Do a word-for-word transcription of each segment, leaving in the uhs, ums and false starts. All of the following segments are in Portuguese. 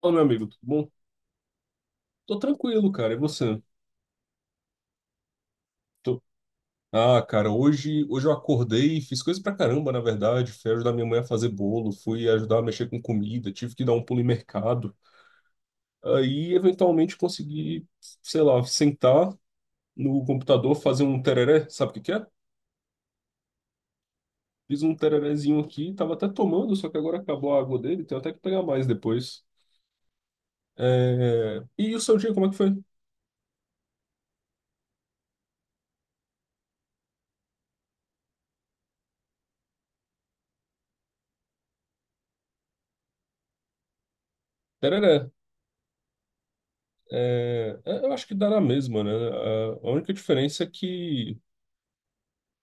Fala, meu amigo, tudo bom? Tô tranquilo, cara. E você? Tô- Ah, cara, hoje, hoje eu acordei, fiz coisa pra caramba, na verdade. Fui ajudar minha mãe a fazer bolo, fui ajudar a mexer com comida, tive que dar um pulo em mercado. Aí, eventualmente, consegui, sei lá, sentar no computador, fazer um tereré, sabe o que que é? Fiz um tererézinho aqui, tava até tomando, só que agora acabou a água dele, tenho até que pegar mais depois. É, e o seu dia, como é que foi? Tereré. É, é, eu acho que dá na mesma, né? A a única diferença é que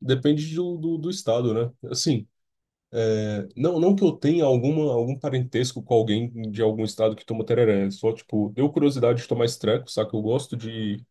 depende do, do, do estado, né? Assim, é, não, não que eu tenha alguma, algum parentesco com alguém de algum estado que toma tereré, é só, tipo, deu curiosidade de tomar esse treco, saca? Eu gosto de,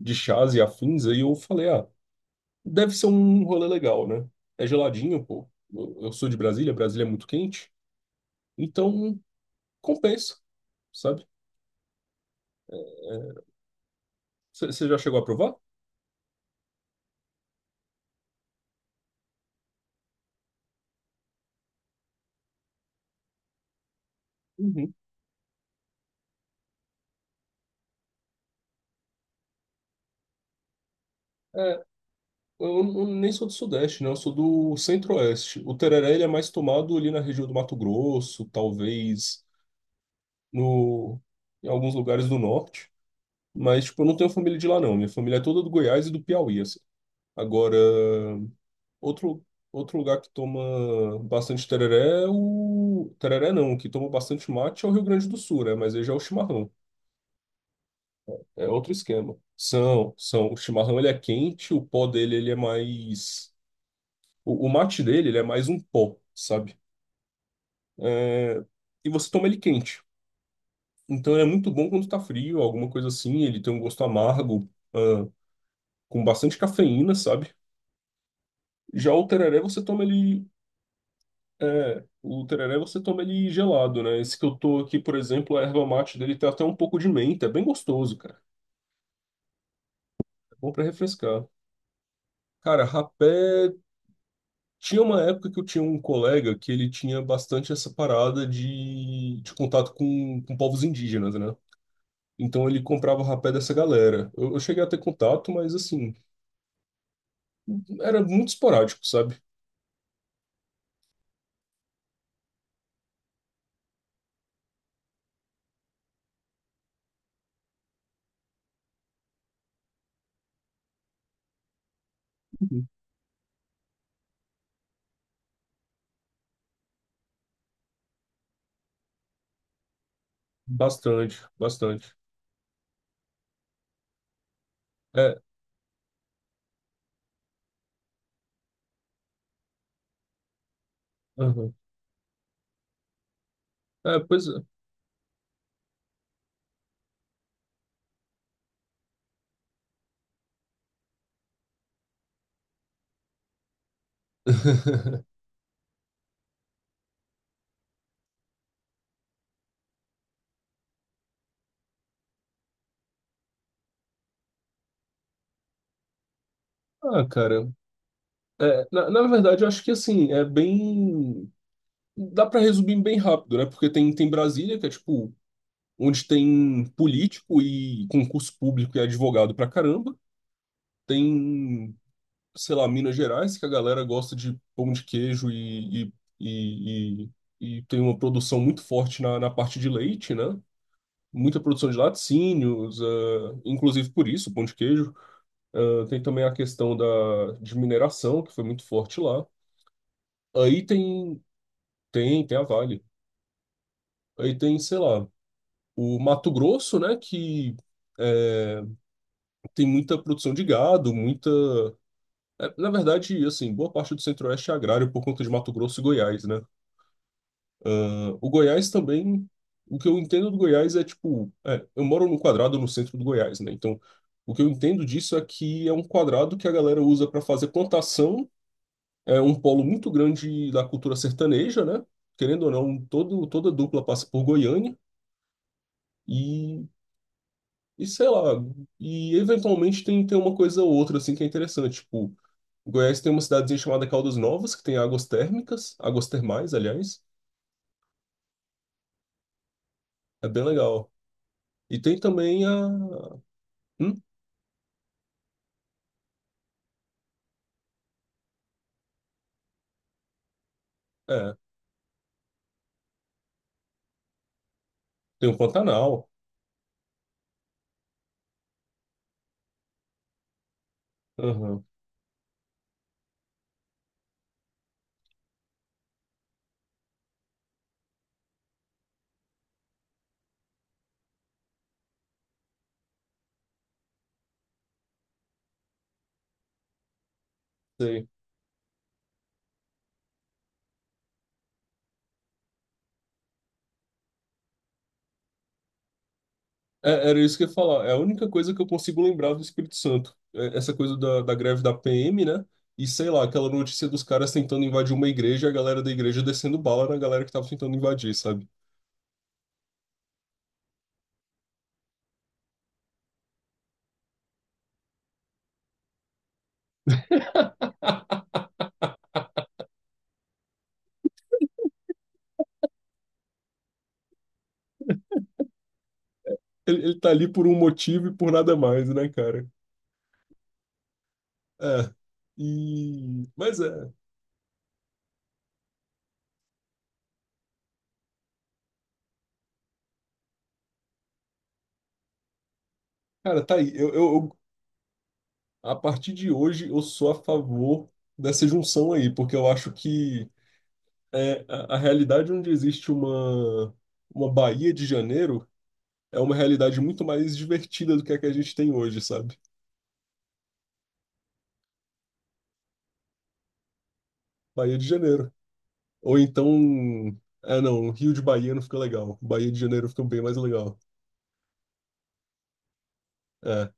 de chás e afins, aí eu falei, ah, deve ser um rolê legal, né? É geladinho, pô. Eu, eu sou de Brasília, Brasília é muito quente, então compensa, sabe? É, você já chegou a provar? Uhum. É, eu, eu nem sou do Sudeste, né? Eu sou do Centro-Oeste. O tereré, ele é mais tomado ali na região do Mato Grosso, talvez no, em alguns lugares do norte, mas, tipo, eu não tenho família de lá, não. Minha família é toda do Goiás e do Piauí, assim. Agora, outro, outro lugar que toma bastante tereré é o... Tereré não, que toma bastante mate é o Rio Grande do Sul, né? Mas aí já é o chimarrão. É outro esquema. São, são. O chimarrão, ele é quente, o pó dele, ele é mais... O, o mate dele, ele é mais um pó, sabe? É, e você toma ele quente. Então, ele é muito bom quando tá frio, alguma coisa assim. Ele tem um gosto amargo. ah, com bastante cafeína, sabe? Já o tereré você toma ele. É, o tereré você toma ele gelado, né? Esse que eu tô aqui, por exemplo, a erva mate dele tem até um pouco de menta, é bem gostoso, cara. É bom pra refrescar. Cara, rapé. Tinha uma época que eu tinha um colega que ele tinha bastante essa parada de, de contato com, com povos indígenas, né? Então ele comprava o rapé dessa galera. Eu, eu cheguei a ter contato, mas assim, era muito esporádico, sabe? Bastante, bastante. É, aham. É, pois é. Ah, cara, é, na, na verdade, eu acho que assim, é bem. Dá pra resumir bem rápido, né? Porque tem, tem Brasília, que é tipo, onde tem político e concurso público e advogado pra caramba. Tem, sei lá, Minas Gerais, que a galera gosta de pão de queijo e, e, e, e, e tem uma produção muito forte na, na parte de leite, né? Muita produção de laticínios, eh, inclusive por isso, pão de queijo. Ah, tem também a questão da, de mineração, que foi muito forte lá. Aí tem, tem, tem a Vale. Aí tem, sei lá, o Mato Grosso, né, que é, tem muita produção de gado, muita... é, na verdade, assim, boa parte do Centro-Oeste é agrário por conta de Mato Grosso e Goiás, né? Ah, o Goiás também... O que eu entendo do Goiás é, tipo... é, eu moro num quadrado no centro do Goiás, né? Então, o que eu entendo disso é que é um quadrado que a galera usa para fazer plantação. É um polo muito grande da cultura sertaneja, né? Querendo ou não, todo, toda dupla passa por Goiânia e, e sei lá, e eventualmente tem, tem uma coisa ou outra assim que é interessante. Tipo, Goiás tem uma cidadezinha chamada Caldas Novas, que tem águas térmicas, águas termais, aliás. É bem legal. E tem também a. Hum? É, tem o Pantanal. Aham. Sei. É, era isso que eu ia falar. É a única coisa que eu consigo lembrar do Espírito Santo. É essa coisa da, da greve da P M, né? E sei lá, aquela notícia dos caras tentando invadir uma igreja e a galera da igreja descendo bala na galera que tava tentando invadir, sabe? Ele, ele tá ali por um motivo e por nada mais, né, cara? É. E... Mas é. Cara, tá aí. Eu, eu, eu- a partir de hoje, eu sou a favor dessa junção aí, porque eu acho que é, a, a realidade onde existe uma, uma Bahia de Janeiro é uma realidade muito mais divertida do que a que a gente tem hoje, sabe? Bahia de Janeiro. Ou então. Ah, não, Rio de Bahia não fica legal. Bahia de Janeiro fica bem mais legal. É,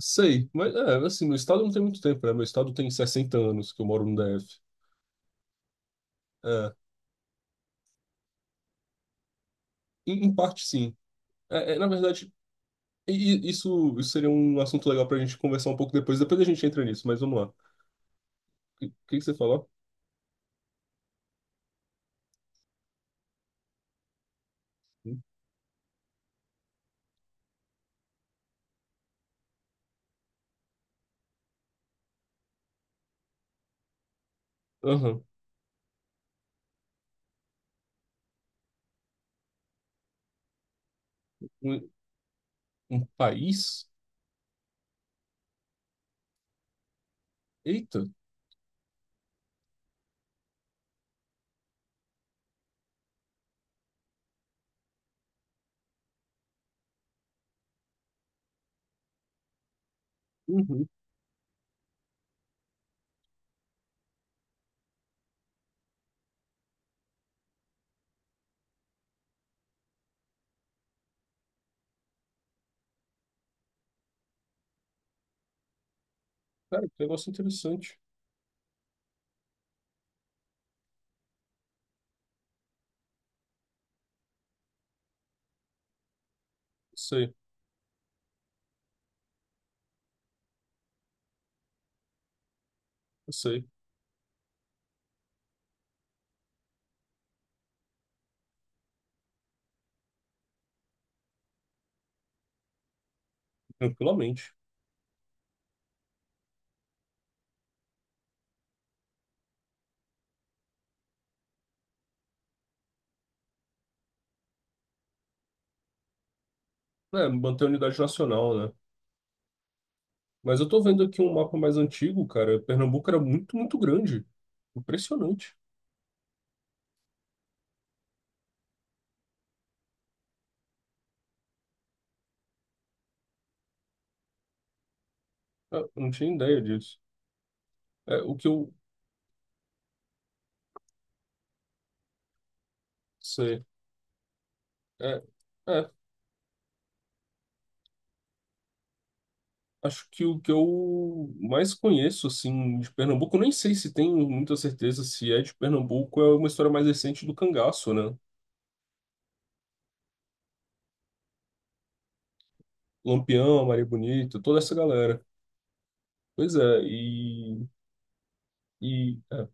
sei, mas é, assim, meu estado não tem muito tempo, né? Meu estado tem sessenta anos que eu moro no D F. É, em, em parte, sim. É, é, na verdade, e- e isso, isso seria um assunto legal pra gente conversar um pouco depois. Depois a gente entra nisso, mas vamos lá. O que, que que você falou? Aham. Um, um país? Eita. Uhum. Cara, que negócio interessante. Sei. Eu sei, tranquilamente. É, manter a unidade nacional, né? Mas eu tô vendo aqui um mapa mais antigo, cara. Pernambuco era muito, muito grande. Impressionante. É, eu não tinha ideia disso. É, o que eu sei. É, é, acho que o que eu mais conheço, assim, de Pernambuco, eu nem sei se tenho muita certeza se é de Pernambuco, é uma história mais recente do cangaço, né? Lampião, Maria Bonita, toda essa galera. Pois é, e. E é,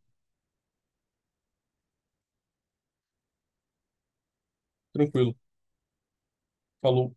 tranquilo. Falou.